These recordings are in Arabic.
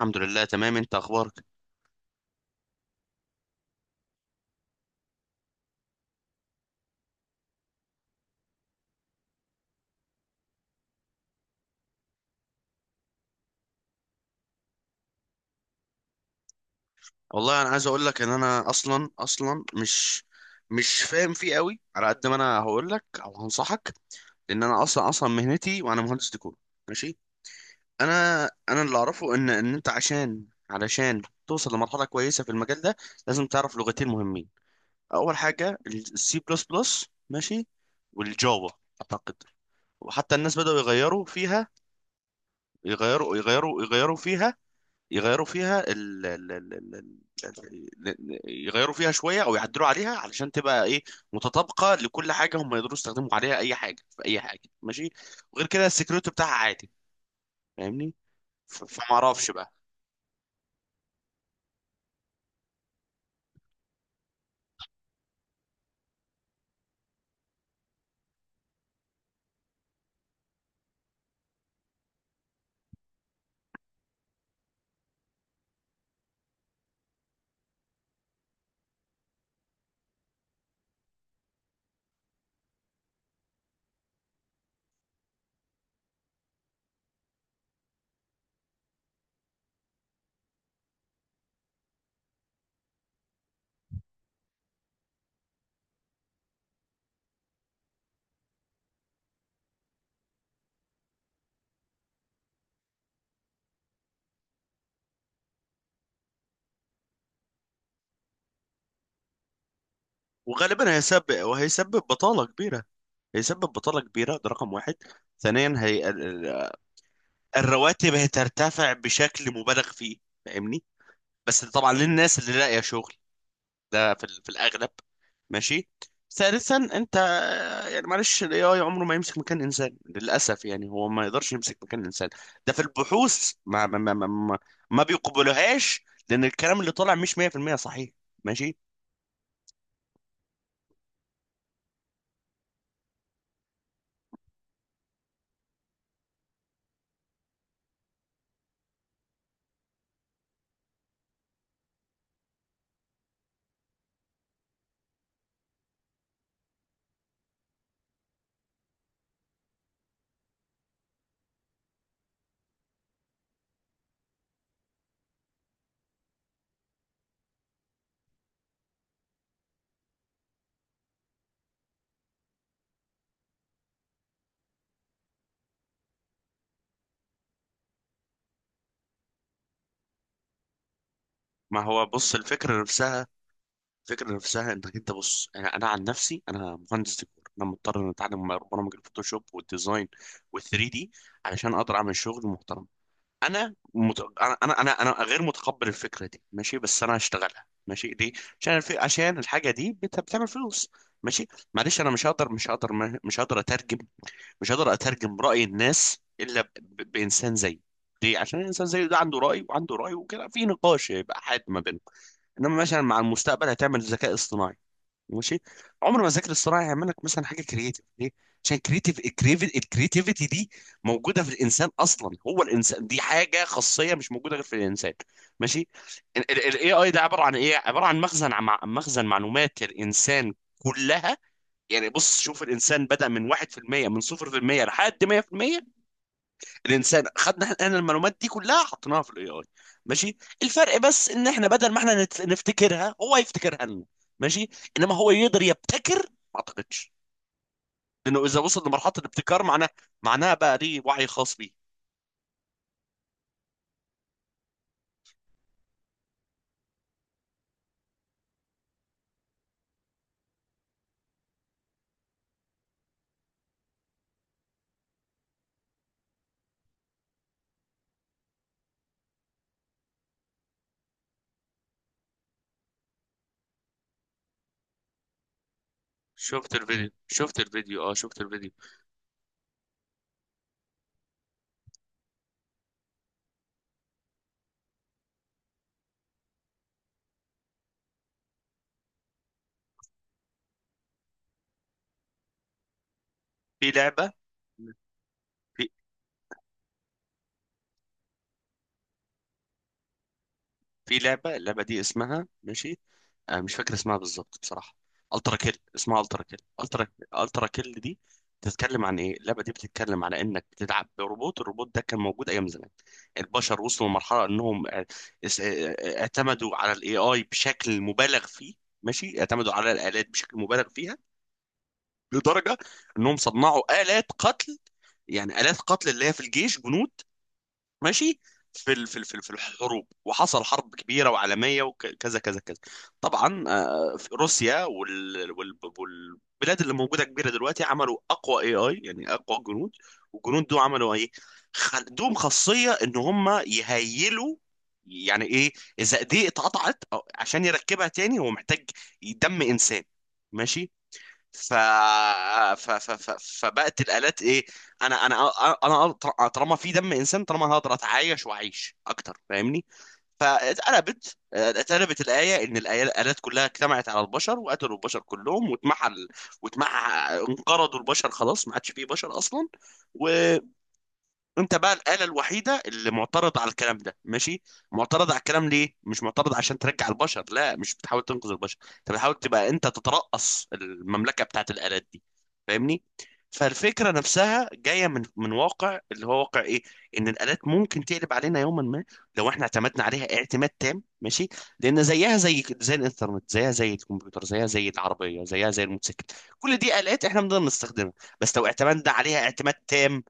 الحمد لله، تمام. انت اخبارك؟ والله انا عايز اقول لك ان انا اصلا مش فاهم فيه قوي، على قد ما انا هقول لك او هنصحك، لان انا اصلا مهنتي، وانا مهندس ديكور. ماشي. انا انا اللي اعرفه ان انت علشان توصل لمرحله كويسه في المجال ده، لازم تعرف لغتين مهمين. اول حاجه السي بلس بلس، ماشي، والجافا اعتقد. وحتى الناس بدأوا يغيروا فيها يغيروا يغيروا يغيروا فيها يغيروا فيها ال- ال- يغيروا فيها شويه، او يعدلوا عليها علشان تبقى ايه، متطابقه لكل حاجه، هم يقدروا يستخدموا عليها اي حاجه في اي حاجه. ماشي. وغير كده السكيورتي بتاعها عادي. فاهمني؟ فما اعرفش بقى. وغالبا هيسبب وهيسبب بطاله كبيره، هيسبب بطاله كبيره. ده رقم واحد. ثانيا هي الرواتب هترتفع بشكل مبالغ فيه، فاهمني؟ بس طبعا للناس اللي لاقيه شغل، ده في في الاغلب. ماشي. ثالثا انت يعني، معلش، الاي اي عمره ما يمسك مكان انسان، للاسف، يعني هو ما يقدرش يمسك مكان انسان. ده في البحوث ما بيقبلوهاش، لان الكلام اللي طالع مش 100% صحيح. ماشي. ما هو بص، الفكره نفسها، الفكره نفسها انك انت بص، انا عن نفسي، انا مهندس ديكور، انا مضطر ان اتعلم برامج الفوتوشوب والديزاين وال3 دي، علشان اقدر اعمل شغل محترم. انا مت... انا انا انا أنا غير متقبل الفكره دي. ماشي. بس انا هشتغلها. ماشي. ليه؟ عشان عشان الحاجه دي بتعمل فلوس. ماشي. معلش، انا مش هقدر اترجم راي الناس الا بانسان زيي. ليه؟ عشان الانسان زيي ده عنده راي وعنده راي وكده، في نقاش يبقى حاد ما بينكم. انما مثلا مع المستقبل هتعمل ذكاء اصطناعي، ماشي، عمر ما ذاكر الصراحه هيعمل لك مثلا حاجه كرييتيف. ليه؟ عشان كريتيف، الكريتيفيتي دي موجوده في الانسان اصلا. هو الانسان دي حاجه خاصيه مش موجوده غير في الانسان. ماشي. الاي اي ده عباره عن ايه؟ عباره عن مخزن، مخزن معلومات للانسان كلها. يعني بص، شوف الانسان بدأ من 1% من 0% لحد 100%. الانسان خدنا احنا المعلومات دي كلها، حطيناها في الاي اي. ماشي. الفرق بس ان احنا بدل ما احنا نفتكرها، هو يفتكرها لنا. ماشي. انما هو يقدر يبتكر؟ ما اعتقدش، لانه اذا وصل لمرحله الابتكار معناه معناها بقى ليه وعي خاص بيه. شفت الفيديو، شفت الفيديو، اه، شفت الفيديو. في لعبه، في في لعبه اللعبه دي اسمها ماشي. مش فاكر اسمها بالظبط بصراحه. الترا كيل. اسمها الترا كيل الترا الترا كيل دي بتتكلم عن ايه؟ اللعبه دي بتتكلم على انك بتلعب بروبوت. الروبوت ده كان موجود ايام زمان. البشر وصلوا لمرحله انهم اعتمدوا على الاي اي بشكل مبالغ فيه. ماشي. اعتمدوا على الالات بشكل مبالغ فيها، لدرجه انهم صنعوا الات قتل. يعني الات قتل اللي هي في الجيش جنود. ماشي. في الحروب، وحصل حرب كبيره وعالميه وكذا كذا كذا. طبعا، في روسيا والبلاد اللي موجوده كبيره دلوقتي عملوا اقوى اي اي، يعني اقوى جنود. والجنود دول عملوا ايه؟ عندهم خاصيه ان هم يهيلوا. يعني ايه؟ اذا ايديه اتقطعت، عشان يركبها تاني، هو محتاج دم انسان. ماشي. ف... ف... ف... ف... فبقت الآلات ايه؟ انا انا انا أنا طالما في دم انسان طالما هقدر اتعايش واعيش اكتر. فاهمني؟ فاتقلبت آه، اتقلبت الآية، ان الآلات كلها اجتمعت على البشر وقتلوا البشر كلهم، واتمحل واتمح انقرضوا البشر، خلاص، ما عادش فيه بشر اصلا. و انت بقى الآلة الوحيدة اللي معترضة على الكلام ده. ماشي. معترضة على الكلام ليه؟ مش معترضة عشان ترجع البشر، لا، مش بتحاول تنقذ البشر، انت بتحاول تبقى انت تترأس المملكة بتاعت الآلات دي. فاهمني؟ فالفكرة نفسها جاية من واقع، اللي هو واقع ايه؟ ان الآلات ممكن تقلب علينا يوما ما، لو احنا اعتمدنا عليها اعتماد تام. ماشي. لان زيها زي الانترنت، زيها زي الكمبيوتر، زيها زي العربية، زيها زي الموتوسيكل، كل دي آلات احنا بنقدر نستخدمها، بس لو اعتمدنا عليها اعتماد تام،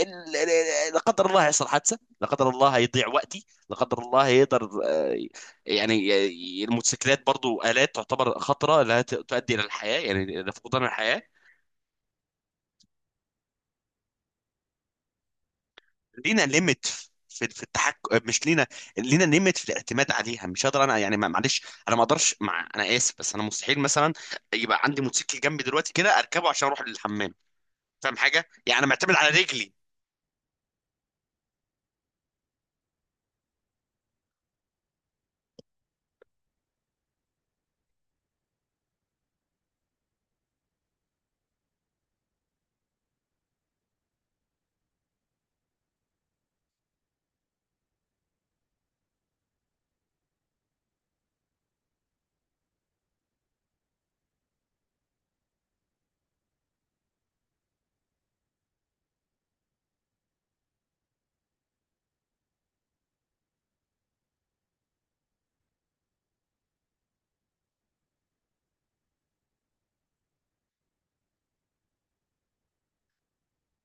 لا قدر الله يحصل حادثه، لا قدر الله يضيع وقتي، لا قدر الله يقدر. يعني، الموتوسيكلات برضو الات تعتبر خطره، لا تؤدي الى الحياه، يعني إلى فقدان الحياه. لينا ليميت في التحكم، مش لينا، لينا ليميت في الاعتماد عليها. مش هقدر انا يعني، معلش، انا ما اقدرش، مع انا اسف، بس انا مستحيل مثلا يبقى عندي موتوسيكل جنبي دلوقتي كده اركبه عشان اروح للحمام، فاهم حاجه يعني؟ انا معتمد على رجلي.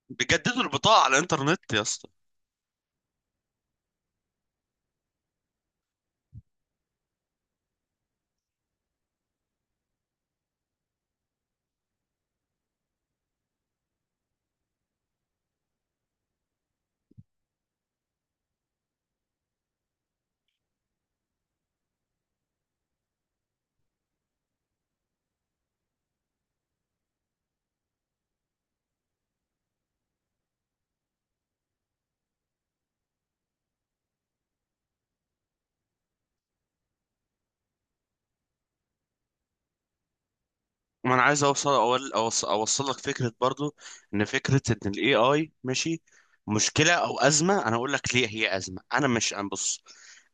بيجددوا البطاقه على الانترنت يا اسطى. ما انا عايز اوصل، أوصل لك فكره برضو، ان فكره ان الاي اي ماشي مشكله او ازمه. انا اقول لك ليه هي ازمه. انا بص،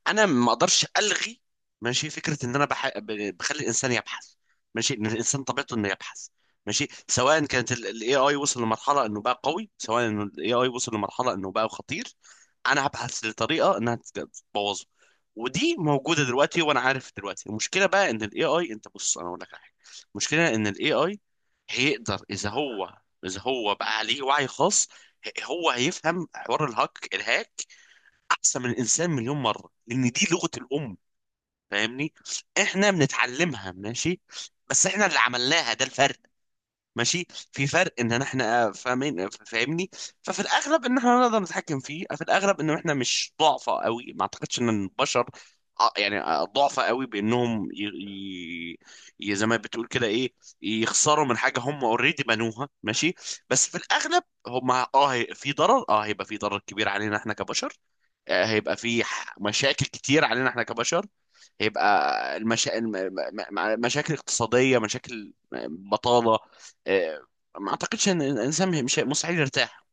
انا ما اقدرش الغي، ماشي، فكره ان انا بخلي الانسان يبحث، ماشي، ان الانسان طبيعته انه يبحث. ماشي. سواء كانت الاي اي وصل لمرحله انه بقى قوي، سواء انه الاي اي وصل لمرحله انه بقى خطير، انا هبحث لطريقه انها تبوظه. ودي موجوده دلوقتي وانا عارف دلوقتي. المشكله بقى ان الاي اي، انت بص انا اقول لك حاجه، المشكله ان الاي اي هيقدر، اذا هو بقى عليه وعي خاص، هو هيفهم حوار الهاك، الهاك احسن من الانسان مليون مره، لان دي لغه الام. فاهمني؟ احنا بنتعلمها، ماشي، بس احنا اللي عملناها، ده الفرق. ماشي. في فرق ان احنا فاهمين، فاهمني؟ ففي الاغلب ان احنا نقدر نتحكم فيه، في الاغلب ان احنا مش ضعفة قوي. ما اعتقدش ان البشر يعني ضعفة قوي بانهم زي ما بتقول كده ايه، يخسروا من حاجة هم اوريدي بنوها. ماشي. بس في الاغلب هم في ضرر، هيبقى في ضرر كبير علينا احنا كبشر. هيبقى في مشاكل كتير علينا احنا كبشر، هيبقى المشا... الم- م- م- مشاكل اقتصادية، مشاكل بطالة، آه، ما اعتقدش ان الانسان مش مستحيل يرتاح.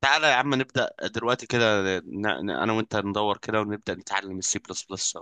تعالى يا عم، نبدأ دلوقتي كده، انا وانت ندور كده ونبدأ نتعلم السي بلس بلس.